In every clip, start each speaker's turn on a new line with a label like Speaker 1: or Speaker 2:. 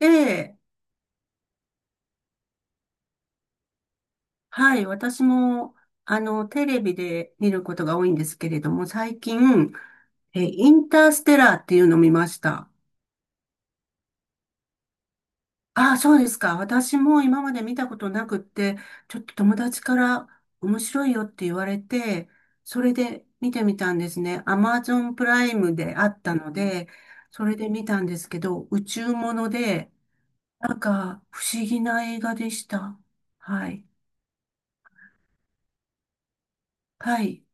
Speaker 1: ええ、はい、私も、テレビで見ることが多いんですけれども、最近、インターステラーっていうのを見ました。ああ、そうですか。私も今まで見たことなくって、ちょっと友達から面白いよって言われて、それで見てみたんですね。アマゾンプライムであったので、それで見たんですけど、宇宙もので、なんか不思議な映画でした。はい。はい。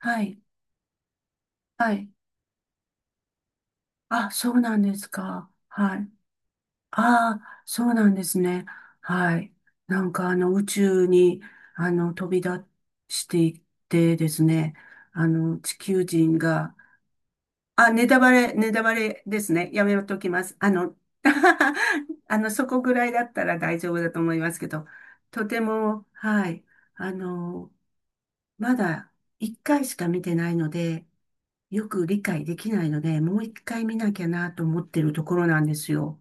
Speaker 1: はい。はい。あ、そうなんですか。はい。ああ、そうなんですね。はい。なんかあの宇宙に飛び出していってですね、あの地球人が、あ、ネタバレ、ネタバレですね。やめときます。そこぐらいだったら大丈夫だと思いますけど、とても、はい。あの、まだ一回しか見てないので、よく理解できないので、もう一回見なきゃなと思ってるところなんですよ。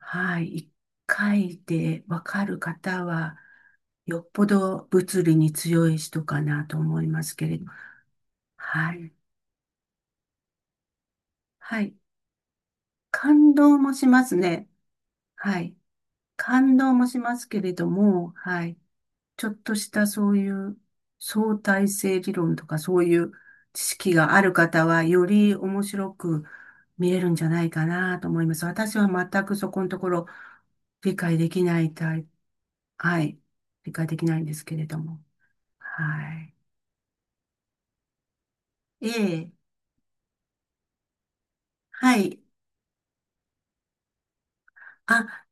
Speaker 1: はい。一回でわかる方は、よっぽど物理に強い人かなと思いますけれど。はい。はい。感動もしますね。はい。感動もしますけれども、はい。ちょっとしたそういう相対性理論とかそういう知識がある方はより面白く見れるんじゃないかなと思います。私は全くそこのところ理解できないタイプ、はい、理解できないんですけれども。はい。ええ、はい。あ、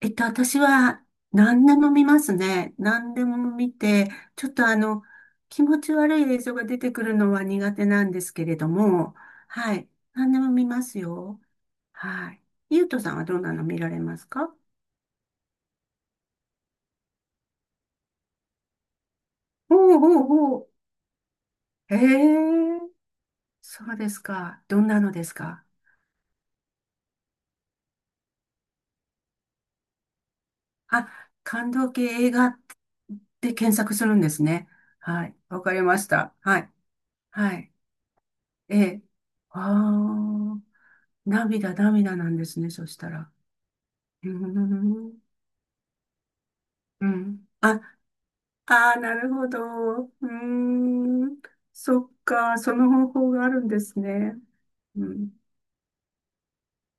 Speaker 1: 私は何でも見ますね。何でも見て、ちょっと気持ち悪い映像が出てくるのは苦手なんですけれども、はい。何でも見ますよ。はい。ゆうとさんはどんなの見られますか？おうおうおう。へえ、そうですか。どんなのですか？あ、感動系映画って検索するんですね。はい。わかりました。はい。はい。ええ。ああ、涙、涙なんですね。そしたら。うーん。うん。あ、あー、なるほど。うーん。そっか、その方法があるんですね。うん。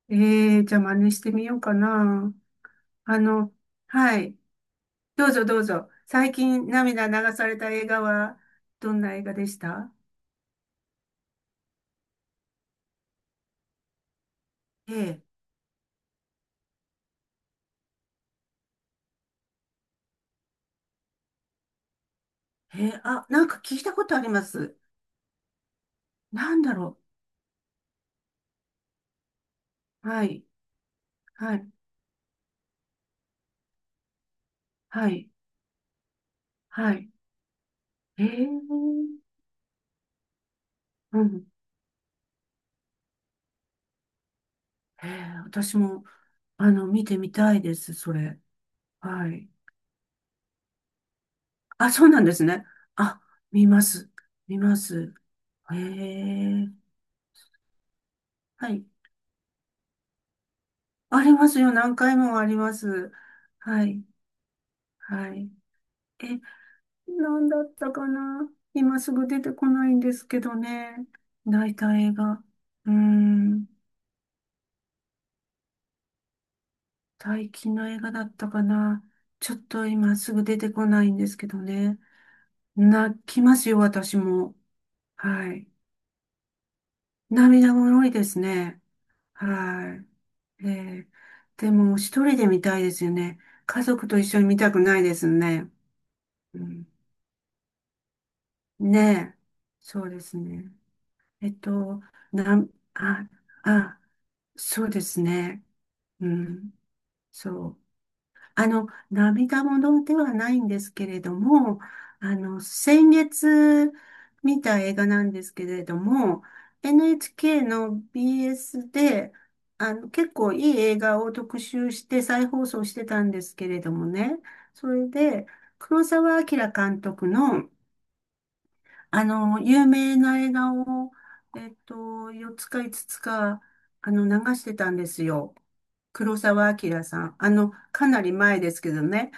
Speaker 1: ええー、じゃあ真似してみようかな。あの、はい。どうぞどうぞ。最近涙流された映画は、どんな映画でした？ええ、ええ、あ、なんか聞いたことあります。なんだろう。はい、はい、はい、はい。ええ、うん、私も、見てみたいです、それ。はい。あ、そうなんですね。あ、見ます。見ます。へえ。はい。ありますよ。何回もあります。はい。はい。え、なんだったかな。今すぐ出てこないんですけどね。泣いた映画。うーん。最近の映画だったかな。ちょっと今すぐ出てこないんですけどね。泣きますよ、私も。はい。涙もろいですね。はい。ーでも、一人で見たいですよね。家族と一緒に見たくないですね。うん、ねえ。そうですね。えっと、なん、あ、あ、そうですね。うん。そう。涙ものではないんですけれども、先月見た映画なんですけれども、NHK の BS で、結構いい映画を特集して再放送してたんですけれどもね、それで、黒澤明監督の、有名な映画を、えっと、4つか5つつか、流してたんですよ。黒澤明さん。かなり前ですけどね。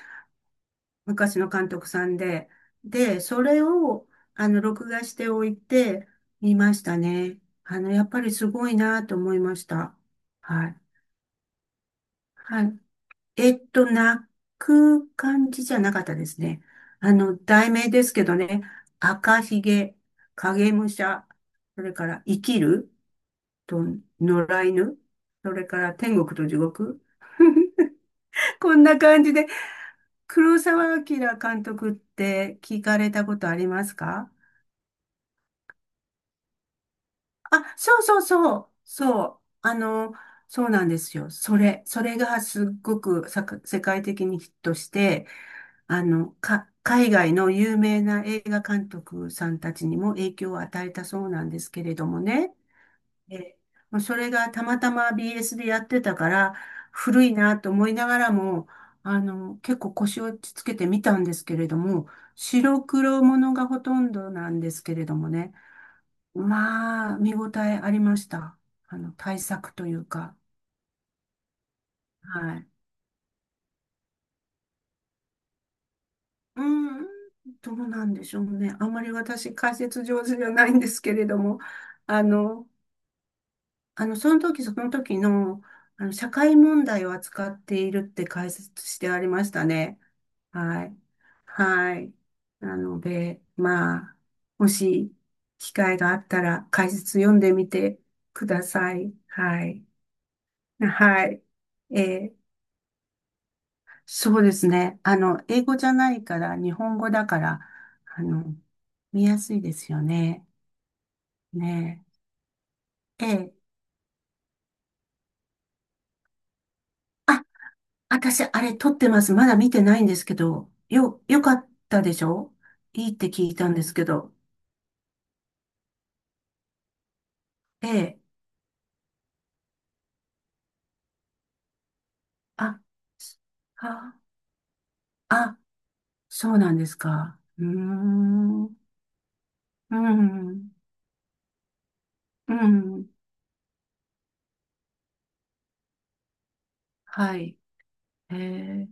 Speaker 1: 昔の監督さんで。で、それを、録画しておいて、見ましたね。やっぱりすごいなと思いました。はい。はい。泣く感じじゃなかったですね。題名ですけどね。赤ひげ、影武者、それから生きると野良犬、それから天国と地獄。こんな感じで、黒澤明監督って聞かれたことありますか？あ、そうそうそう、そう、そうなんですよ。それがすっごく世界的にヒットして、海外の有名な映画監督さんたちにも影響を与えたそうなんですけれどもね。え、もうそれがたまたま BS でやってたから、古いなと思いながらも、結構腰をつけてみたんですけれども、白黒ものがほとんどなんですけれどもね。まあ、見応えありました。対策というか。はい。うん、どうなんでしょうね。あんまり私解説上手じゃないんですけれども、あの、その時その時の、社会問題を扱っているって解説してありましたね。はい。はい。なので、まあ、もし機会があったら解説読んでみてください。はい。はい。えーそうですね。英語じゃないから、日本語だから、あの、見やすいですよね。ねえ。ええ。あ、私、あれ撮ってます。まだ見てないんですけど、よかったでしょ？いいって聞いたんですけど。ええ。あ、あ、あ、そうなんですか。うーん。うん。うん。はい。ええ。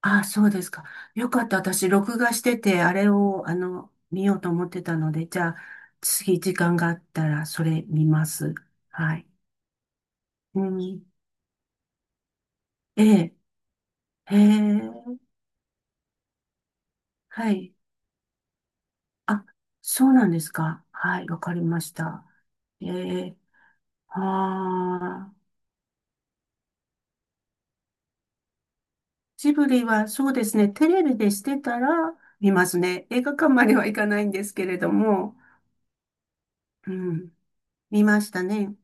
Speaker 1: あ、そうですか。よかった。私、録画してて、あれを、見ようと思ってたので、じゃあ、次、時間があったら、それ見ます。はい。うん。ええ、へえ、はい。あ、そうなんですか。はい、わかりました。ええ、ああ、ジブリは、そうですね、テレビでしてたら、見ますね。映画館まではいかないんですけれども、うん、見ましたね。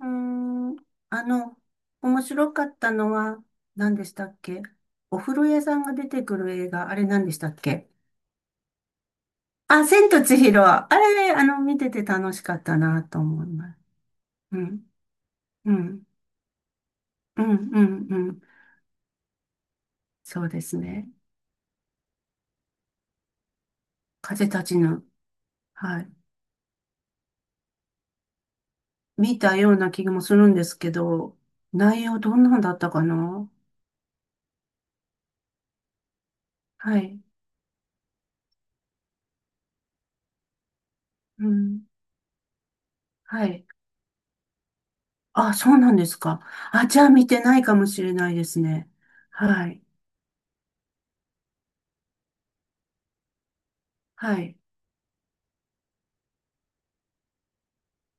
Speaker 1: うーん、あの、面白かったのは何でしたっけ？お風呂屋さんが出てくる映画、あれ何でしたっけ？あ、千と千尋。あれ、見てて楽しかったなと思います。うん、うん、うん、うん、うん。そうですね。風立ちぬ。はい。見たような気もするんですけど、内容どんなんだったかな？はい。うん。はい。あ、そうなんですか。あ、じゃあ見てないかもしれないですね。はい。はい。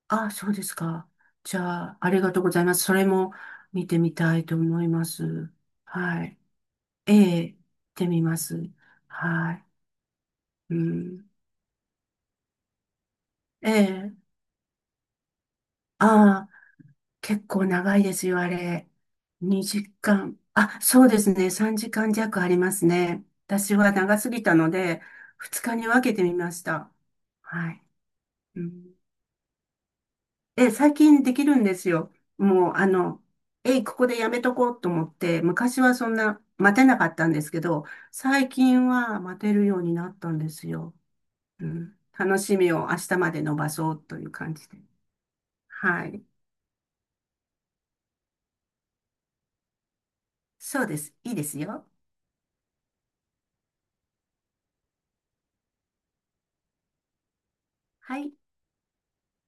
Speaker 1: あ、そうですか。じゃあ、ありがとうございます。それも見てみたいと思います。はい。ええ、行ってみます。はい。うん。ええ、ああ、結構長いですよ、あれ。2時間。あ、そうですね。3時間弱ありますね。私は長すぎたので、2日に分けてみました。はい。うん。最近できるんですよ。もう、えい、ここでやめとこうと思って、昔はそんな待てなかったんですけど、最近は待てるようになったんですよ。うん。楽しみを明日まで伸ばそうという感じで。はい。そうです。いいですよ。はい。